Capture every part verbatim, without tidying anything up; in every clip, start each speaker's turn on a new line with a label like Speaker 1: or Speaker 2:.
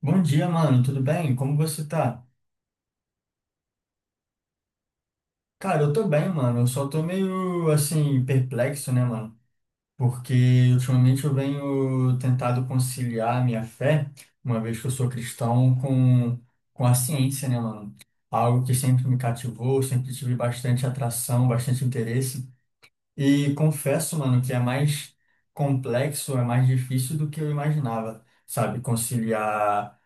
Speaker 1: Bom dia, mano. Tudo bem? Como você tá? Cara, eu tô bem, mano. Eu só tô meio assim perplexo, né, mano? Porque ultimamente eu venho tentado conciliar a minha fé, uma vez que eu sou cristão, com com a ciência, né, mano? Algo que sempre me cativou, sempre tive bastante atração, bastante interesse. E confesso, mano, que é mais complexo, é mais difícil do que eu imaginava, sabe? Conciliar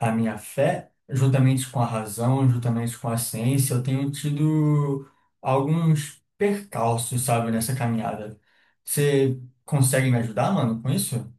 Speaker 1: a minha fé, juntamente com a razão, juntamente com a ciência, eu tenho tido alguns percalços, sabe, nessa caminhada. Você consegue me ajudar, mano, com isso?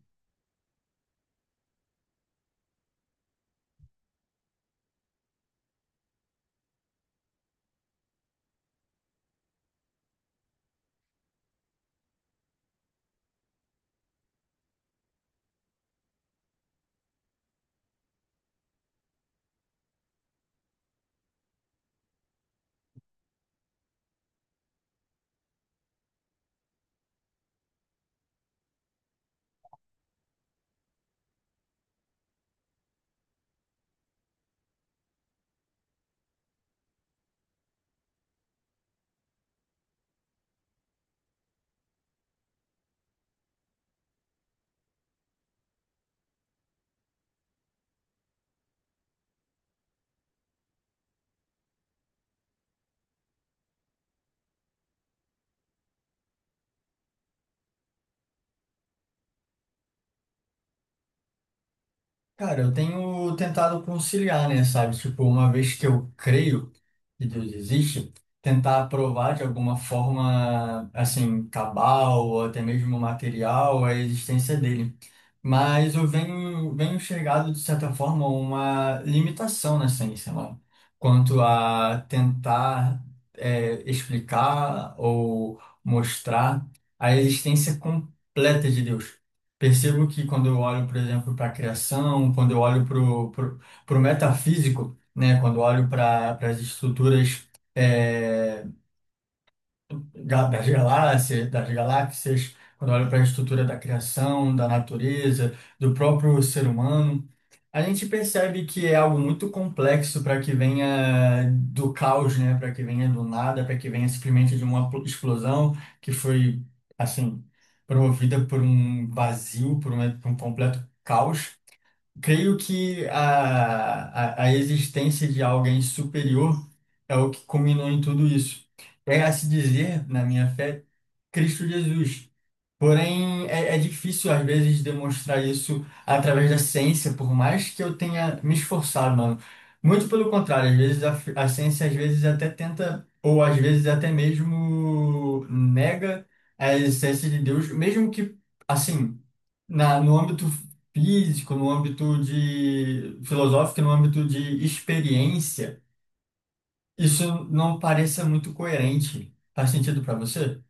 Speaker 1: Cara, eu tenho tentado conciliar, né, sabe? Tipo, uma vez que eu creio que Deus existe, tentar provar de alguma forma, assim, cabal ou até mesmo material a existência dele. Mas eu venho, venho chegado, de certa forma, uma limitação na ciência, mano, quanto a tentar, é, explicar ou mostrar a existência completa de Deus. Percebo que quando eu olho, por exemplo, para a criação, quando eu olho para o metafísico, né, quando eu olho para as estruturas eh, ga- das galáxias, das galáxias, quando eu olho para a estrutura da criação, da natureza, do próprio ser humano, a gente percebe que é algo muito complexo para que venha do caos, né? Para que venha do nada, para que venha simplesmente de uma pl- explosão que foi, assim, promovida por um vazio, por um, por um completo caos. Creio que a, a, a existência de alguém superior é o que culminou em tudo isso. É a se dizer, na minha fé, Cristo Jesus. Porém, é, é difícil às vezes demonstrar isso através da ciência, por mais que eu tenha me esforçado, mano. Muito pelo contrário, às vezes a, fi- a ciência às vezes até tenta, ou às vezes até mesmo nega a existência de Deus, mesmo que, assim, na, no âmbito físico, no âmbito de filosófico, no âmbito de experiência, isso não pareça muito coerente. Faz sentido para você?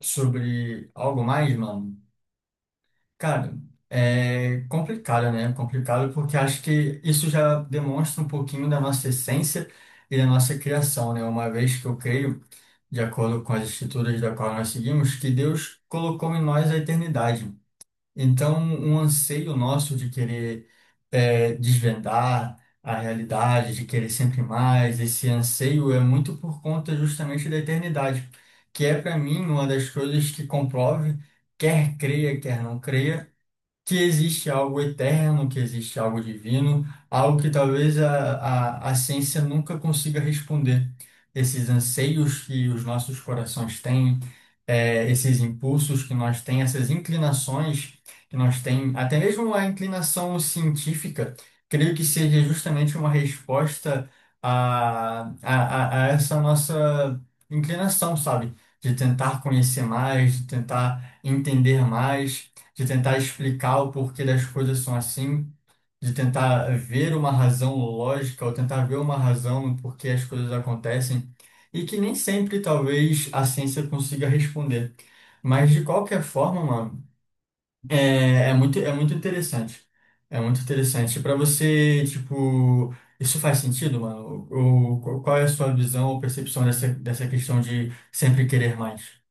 Speaker 1: Sobre algo mais, mano? Cara, é complicado, né? Complicado porque acho que isso já demonstra um pouquinho da nossa essência e da nossa criação, né? Uma vez que eu creio, de acordo com as escrituras da qual nós seguimos, que Deus colocou em nós a eternidade. Então, um anseio nosso de querer é, desvendar a realidade, de querer sempre mais, esse anseio é muito por conta justamente da eternidade, que é para mim uma das coisas que comprove, quer creia, quer não creia que existe algo eterno, que existe algo divino, algo que talvez a, a, a ciência nunca consiga responder. Esses anseios que os nossos corações têm, eh, esses impulsos que nós temos, essas inclinações que nós temos, até mesmo a inclinação científica, creio que seja justamente uma resposta a, a, a a essa nossa inclinação, sabe? De tentar conhecer mais, de tentar entender mais de tentar explicar o porquê das coisas são assim, de tentar ver uma razão lógica ou tentar ver uma razão no porquê as coisas acontecem, e que nem sempre talvez a ciência consiga responder. Mas de qualquer forma, mano, é, é muito, é muito interessante. É muito interessante. Para você, tipo, isso faz sentido, mano? Ou, qual é a sua visão ou percepção dessa, dessa questão de sempre querer mais?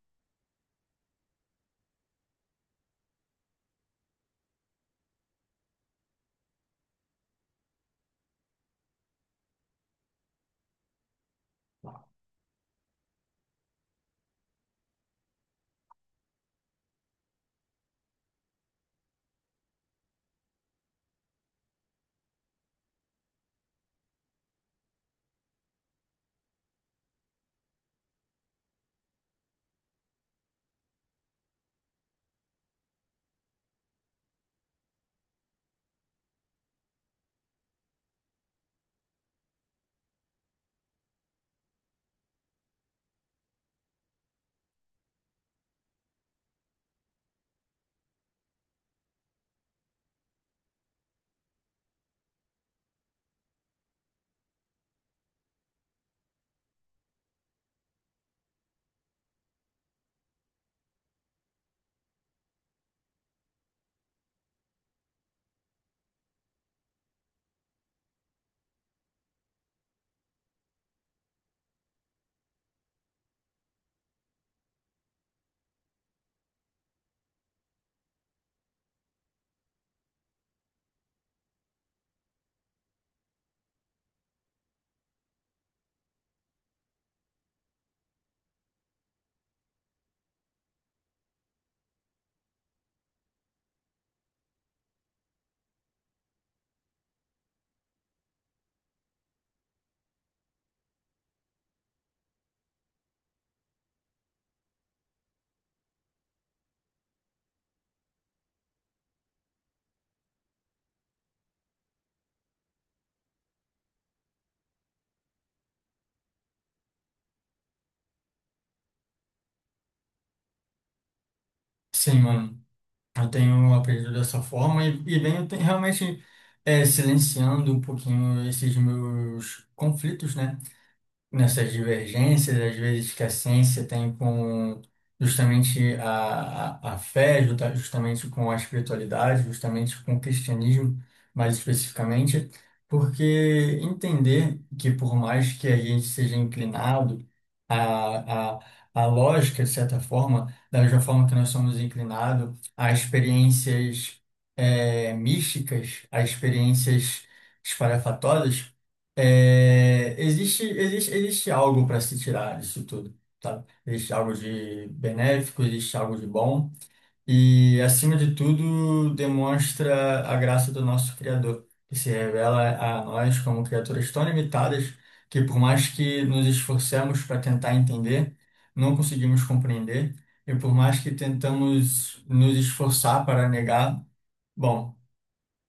Speaker 1: Sim, mano. Eu tenho aprendido dessa forma e, e venho te- realmente é, silenciando um pouquinho esses meus conflitos, né? Nessas divergências, às vezes que a ciência tem com justamente a, a, a fé, justa- justamente com a espiritualidade, justamente com o cristianismo, mais especificamente, porque entender que por mais que a gente seja inclinado a, a A lógica, de certa forma, da mesma forma que nós somos inclinados a experiências eh, místicas, a experiências espalhafatosas, é, existe, existe, existe algo para se tirar disso tudo, tá? Existe algo de benéfico, existe algo de bom e, acima de tudo, demonstra a graça do nosso Criador, que se revela a nós como criaturas tão limitadas que, por mais que nos esforcemos para tentar entender, não conseguimos compreender e, por mais que tentamos nos esforçar para negar, bom,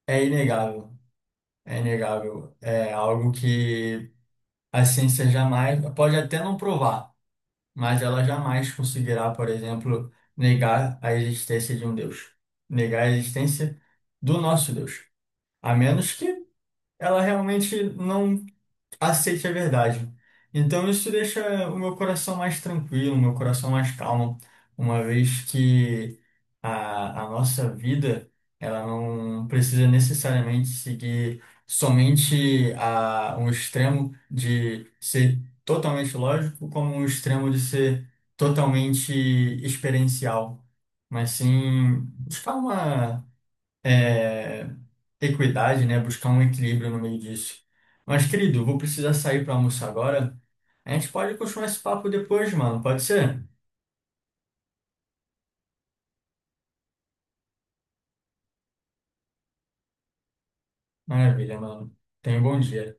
Speaker 1: é inegável, é inegável, é algo que a ciência jamais, pode até não provar, mas ela jamais conseguirá, por exemplo, negar a existência de um Deus, negar a existência do nosso Deus, a menos que ela realmente não aceite a verdade. Então isso deixa o meu coração mais tranquilo, o meu coração mais calmo, uma vez que a, a nossa vida ela não precisa necessariamente seguir somente a, um extremo de ser totalmente lógico, como um extremo de ser totalmente experiencial, mas sim buscar uma é, equidade, né? Buscar um equilíbrio no meio disso. Mas, querido, vou precisar sair para almoçar agora. A gente pode continuar esse papo depois, mano. Pode ser? Maravilha, mano. Tenha um bom dia.